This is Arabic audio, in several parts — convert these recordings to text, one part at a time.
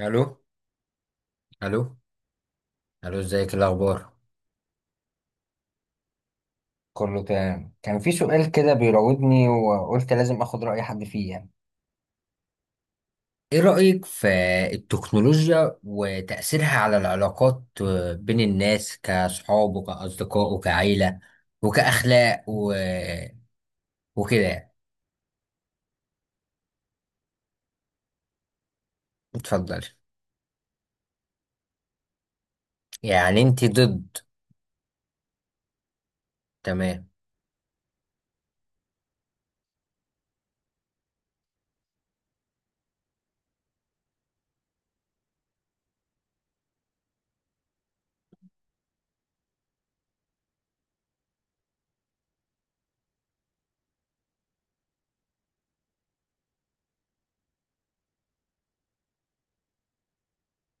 الو، الو. الو، ازيك، إيه الاخبار؟ كله تمام. كان في سؤال كده بيراودني وقلت لازم اخد رأي حد فيه يعني. ايه رأيك في التكنولوجيا وتأثيرها على العلاقات بين الناس كصحاب وكأصدقاء وكعيلة وكأخلاق وكده يعني؟ اتفضلي. يعني انت ضد؟ تمام.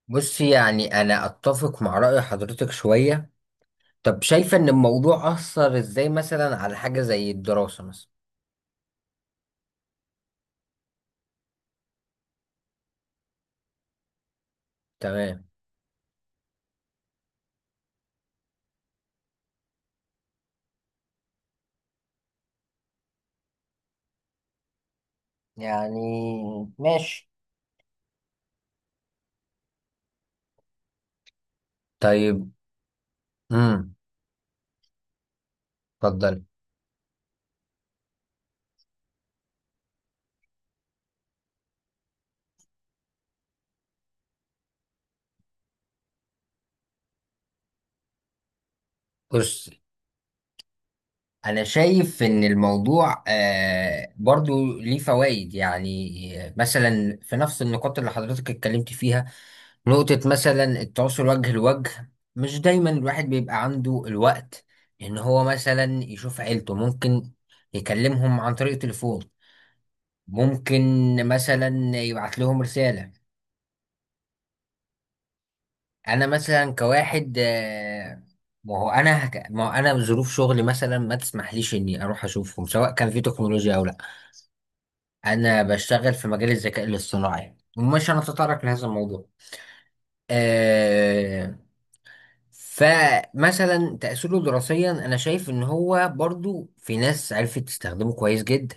بصي، يعني انا اتفق مع رأي حضرتك شوية. طب شايفة ان الموضوع أثر ازاي مثلا على حاجة زي الدراسة مثلا؟ تمام. يعني ماشي. طيب، امم اتفضل. بص، انا شايف ان الموضوع برضو ليه فوائد، يعني مثلا في نفس النقاط اللي حضرتك اتكلمت فيها. نقطة مثلا التواصل وجه لوجه، مش دايما الواحد بيبقى عنده الوقت ان هو مثلا يشوف عيلته. ممكن يكلمهم عن طريق تليفون، ممكن مثلا يبعت لهم رسالة. انا مثلا كواحد ما هو انا ظروف شغلي مثلا ما تسمحليش اني اروح اشوفهم، سواء كان في تكنولوجيا او لا. انا بشتغل في مجال الذكاء الاصطناعي، ومش هنتطرق لهذا الموضوع. أه... فمثلا تأثيره دراسيا، انا شايف ان هو برضو في ناس عرفت تستخدمه كويس جدا.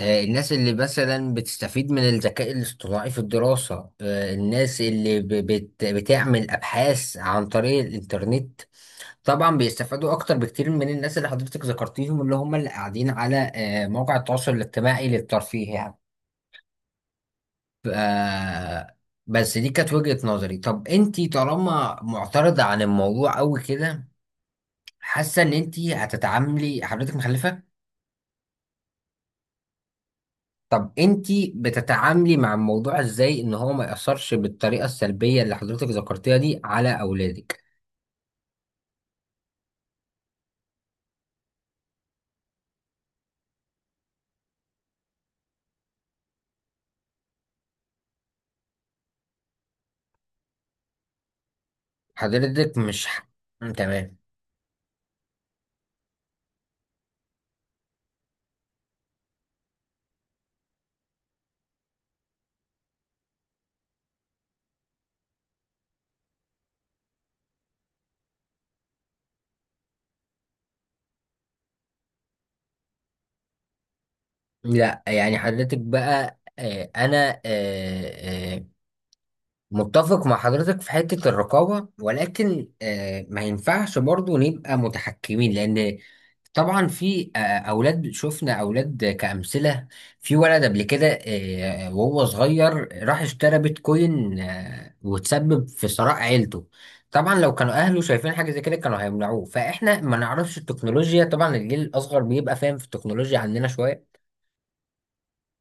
الناس اللي مثلا بتستفيد من الذكاء الاصطناعي في الدراسة، الناس اللي بتعمل أبحاث عن طريق الإنترنت، طبعا بيستفادوا اكتر بكتير من الناس اللي حضرتك ذكرتيهم، اللي هم اللي قاعدين على مواقع التواصل الاجتماعي للترفيه يعني. ف- آه، بس دي كانت وجهة نظري. طب انتي طالما معترضة عن الموضوع قوي كده، حاسة ان انتي هتتعاملي، حضرتك مخلفة؟ طب انتي بتتعاملي مع الموضوع ازاي ان هو ما يأثرش بالطريقة السلبية اللي حضرتك ذكرتيها دي على اولادك؟ حضرتك مش ح- تمام. لا يعني حضرتك بقى، آه، انا آه، آه، متفق مع حضرتك في حتة الرقابة، ولكن ما ينفعش برضو نبقى متحكمين، لأن طبعا في أولاد، شفنا أولاد كأمثلة. في ولد قبل كده وهو صغير راح اشترى بيتكوين وتسبب في ثراء عيلته. طبعا لو كانوا أهله شايفين حاجة زي كده كانوا هيمنعوه، فإحنا ما نعرفش التكنولوجيا. طبعا الجيل الأصغر بيبقى فاهم في التكنولوجيا عننا شوية.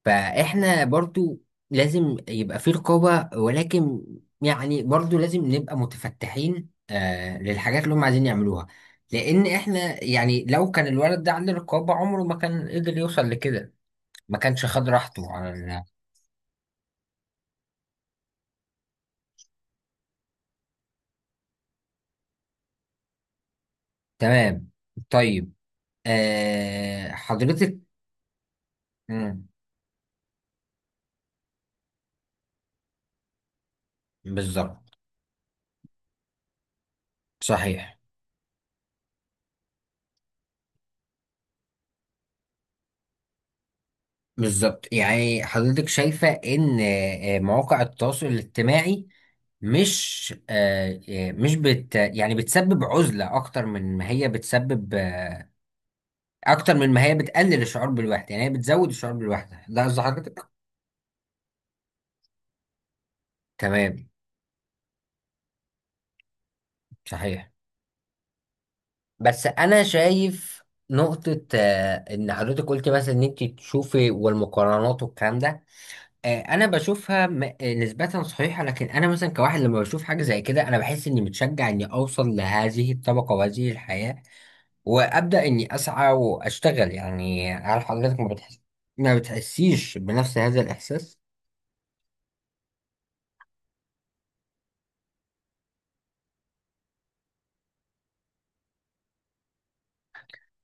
فاحنا برضو لازم يبقى في رقابة، ولكن يعني برضو لازم نبقى متفتحين آه للحاجات اللي هم عايزين يعملوها، لان احنا يعني لو كان الولد ده عنده رقابة عمره ما كان قدر يوصل لكده. ما كانش خد راحته على ال- تمام. طيب، آه حضرتك، مم، بالظبط، صحيح. بالظبط، يعني حضرتك شايفة إن مواقع التواصل الاجتماعي مش آه، آه، مش بت يعني بتسبب عزلة أكتر من ما هي بتسبب أكتر من ما هي بتقلل الشعور بالوحدة، يعني هي بتزود الشعور بالوحدة، ده قصد حضرتك؟ تمام. صحيح. بس أنا شايف نقطة، إن حضرتك قلت مثلا إن أنت تشوفي، والمقارنات والكلام ده انا بشوفها نسبة صحيحة، لكن انا مثلا كواحد لما بشوف حاجة زي كده انا بحس اني متشجع اني اوصل لهذه الطبقة وهذه الحياة، وابدأ اني اسعى واشتغل. يعني هل حضرتك ما بتحس، ما بتحسيش بنفس هذا الاحساس؟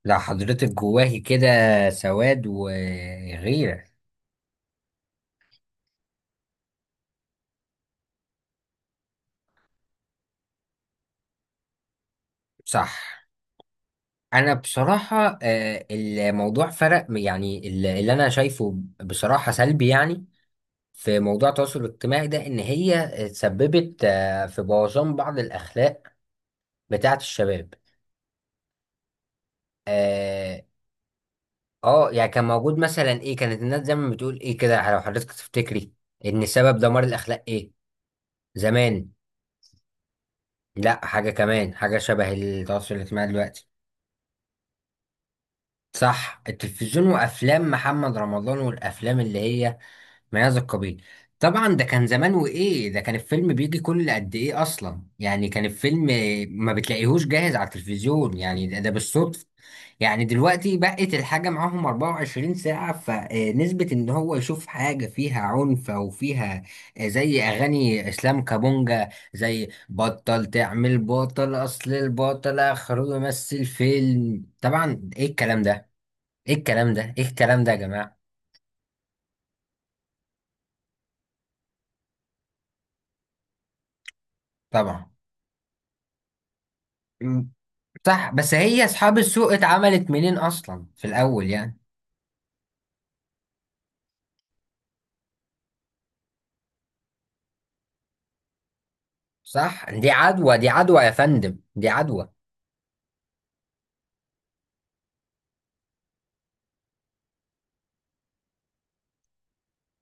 لا حضرتك جواهي كده سواد وغيرة. صح. انا بصراحة الموضوع فرق، يعني اللي انا شايفه بصراحة سلبي، يعني في موضوع التواصل الاجتماعي ده، ان هي تسببت في بوظان بعض الاخلاق بتاعه الشباب. اه يعني كان موجود مثلا ايه، كانت الناس زمان بتقول ايه كده لو حضرتك تفتكري ان سبب دمار الاخلاق ايه زمان؟ لا، حاجه كمان، حاجه شبه التواصل الاجتماعي دلوقتي. صح، التلفزيون وافلام محمد رمضان والافلام اللي هي مياذ القبيل. طبعا ده كان زمان، وايه ده كان الفيلم بيجي كل قد ايه اصلا، يعني كان الفيلم ما بتلاقيهوش جاهز على التلفزيون، يعني ده, ده بالصدفة. يعني دلوقتي بقت الحاجة معاهم 24 ساعة، فنسبة ان هو يشوف حاجة فيها عنف او فيها زي اغاني اسلام كابونجا، زي بطل تعمل بطل، اصل البطل اخره يمثل فيلم. طبعا ايه الكلام ده، ايه الكلام ده، ايه الكلام ده يا جماعة؟ طبعا. صح، بس هي اصحاب السوق اتعملت منين اصلا في الاول يعني؟ صح، دي عدوى، دي عدوى يا فندم، دي عدوى.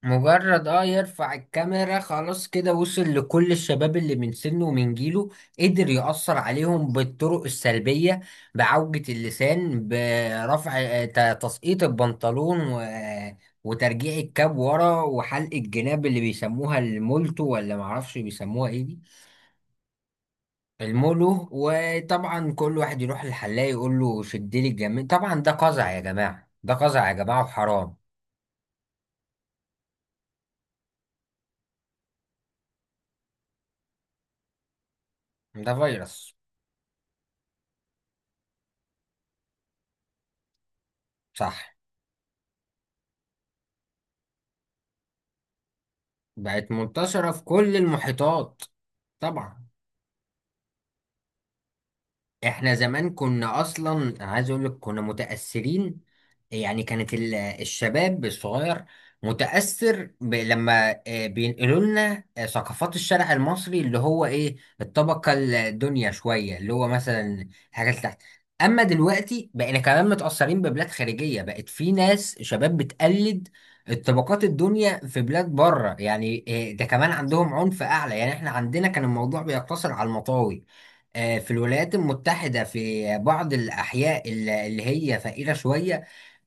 مجرد اه يرفع الكاميرا، خلاص كده وصل لكل الشباب اللي من سنه ومن جيله، قدر يأثر عليهم بالطرق السلبية. بعوجة اللسان، برفع تسقيط البنطلون و... آه، وترجيع الكاب ورا، وحلق الجناب اللي بيسموها المولتو ولا معرفش بيسموها ايه دي، المولو. وطبعا كل واحد يروح للحلاق يقول له شد لي الجميل، طبعا ده قزع يا جماعة، ده قزع يا جماعة وحرام. ده فيروس. صح، بقت منتشرة في كل المحيطات. طبعا. احنا زمان كنا اصلا، عايز اقول لك كنا متأثرين، يعني كانت الشباب الصغير متأثر لما بينقلوا لنا ثقافات الشارع المصري، اللي هو ايه، الطبقة الدنيا شوية، اللي هو مثلا الحاجات اللي تحت. اما دلوقتي بقينا كمان متأثرين ببلاد خارجية، بقت في ناس شباب بتقلد الطبقات الدنيا في بلاد بره يعني. ده كمان عندهم عنف اعلى، يعني احنا عندنا كان الموضوع بيقتصر على المطاوي. في الولايات المتحدة في بعض الأحياء اللي هي فقيرة شوية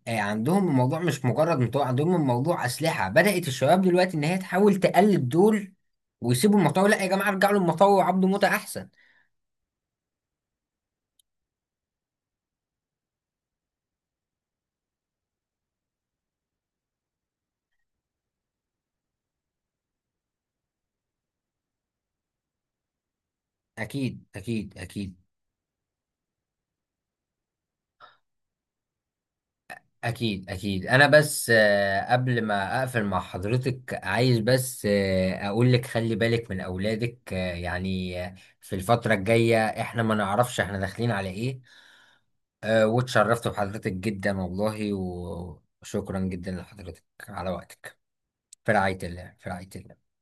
عندهم الموضوع مش مجرد مطوع، عندهم الموضوع أسلحة. بدأت الشباب دلوقتي إن هي تحاول تقلد دول ويسيبوا المطاوع. لا يا جماعة، ارجعوا للمطاوع وعبدوا موتة أحسن. أكيد أكيد أكيد. أكيد أكيد. أنا بس قبل ما أقفل مع حضرتك عايز بس أقول لك خلي بالك من أولادك في الفترة الجاية، إحنا ما نعرفش إحنا داخلين على إيه. واتشرفت بحضرتك جدا والله، وشكرا جدا لحضرتك على وقتك. في رعاية الله، في رعاية الله.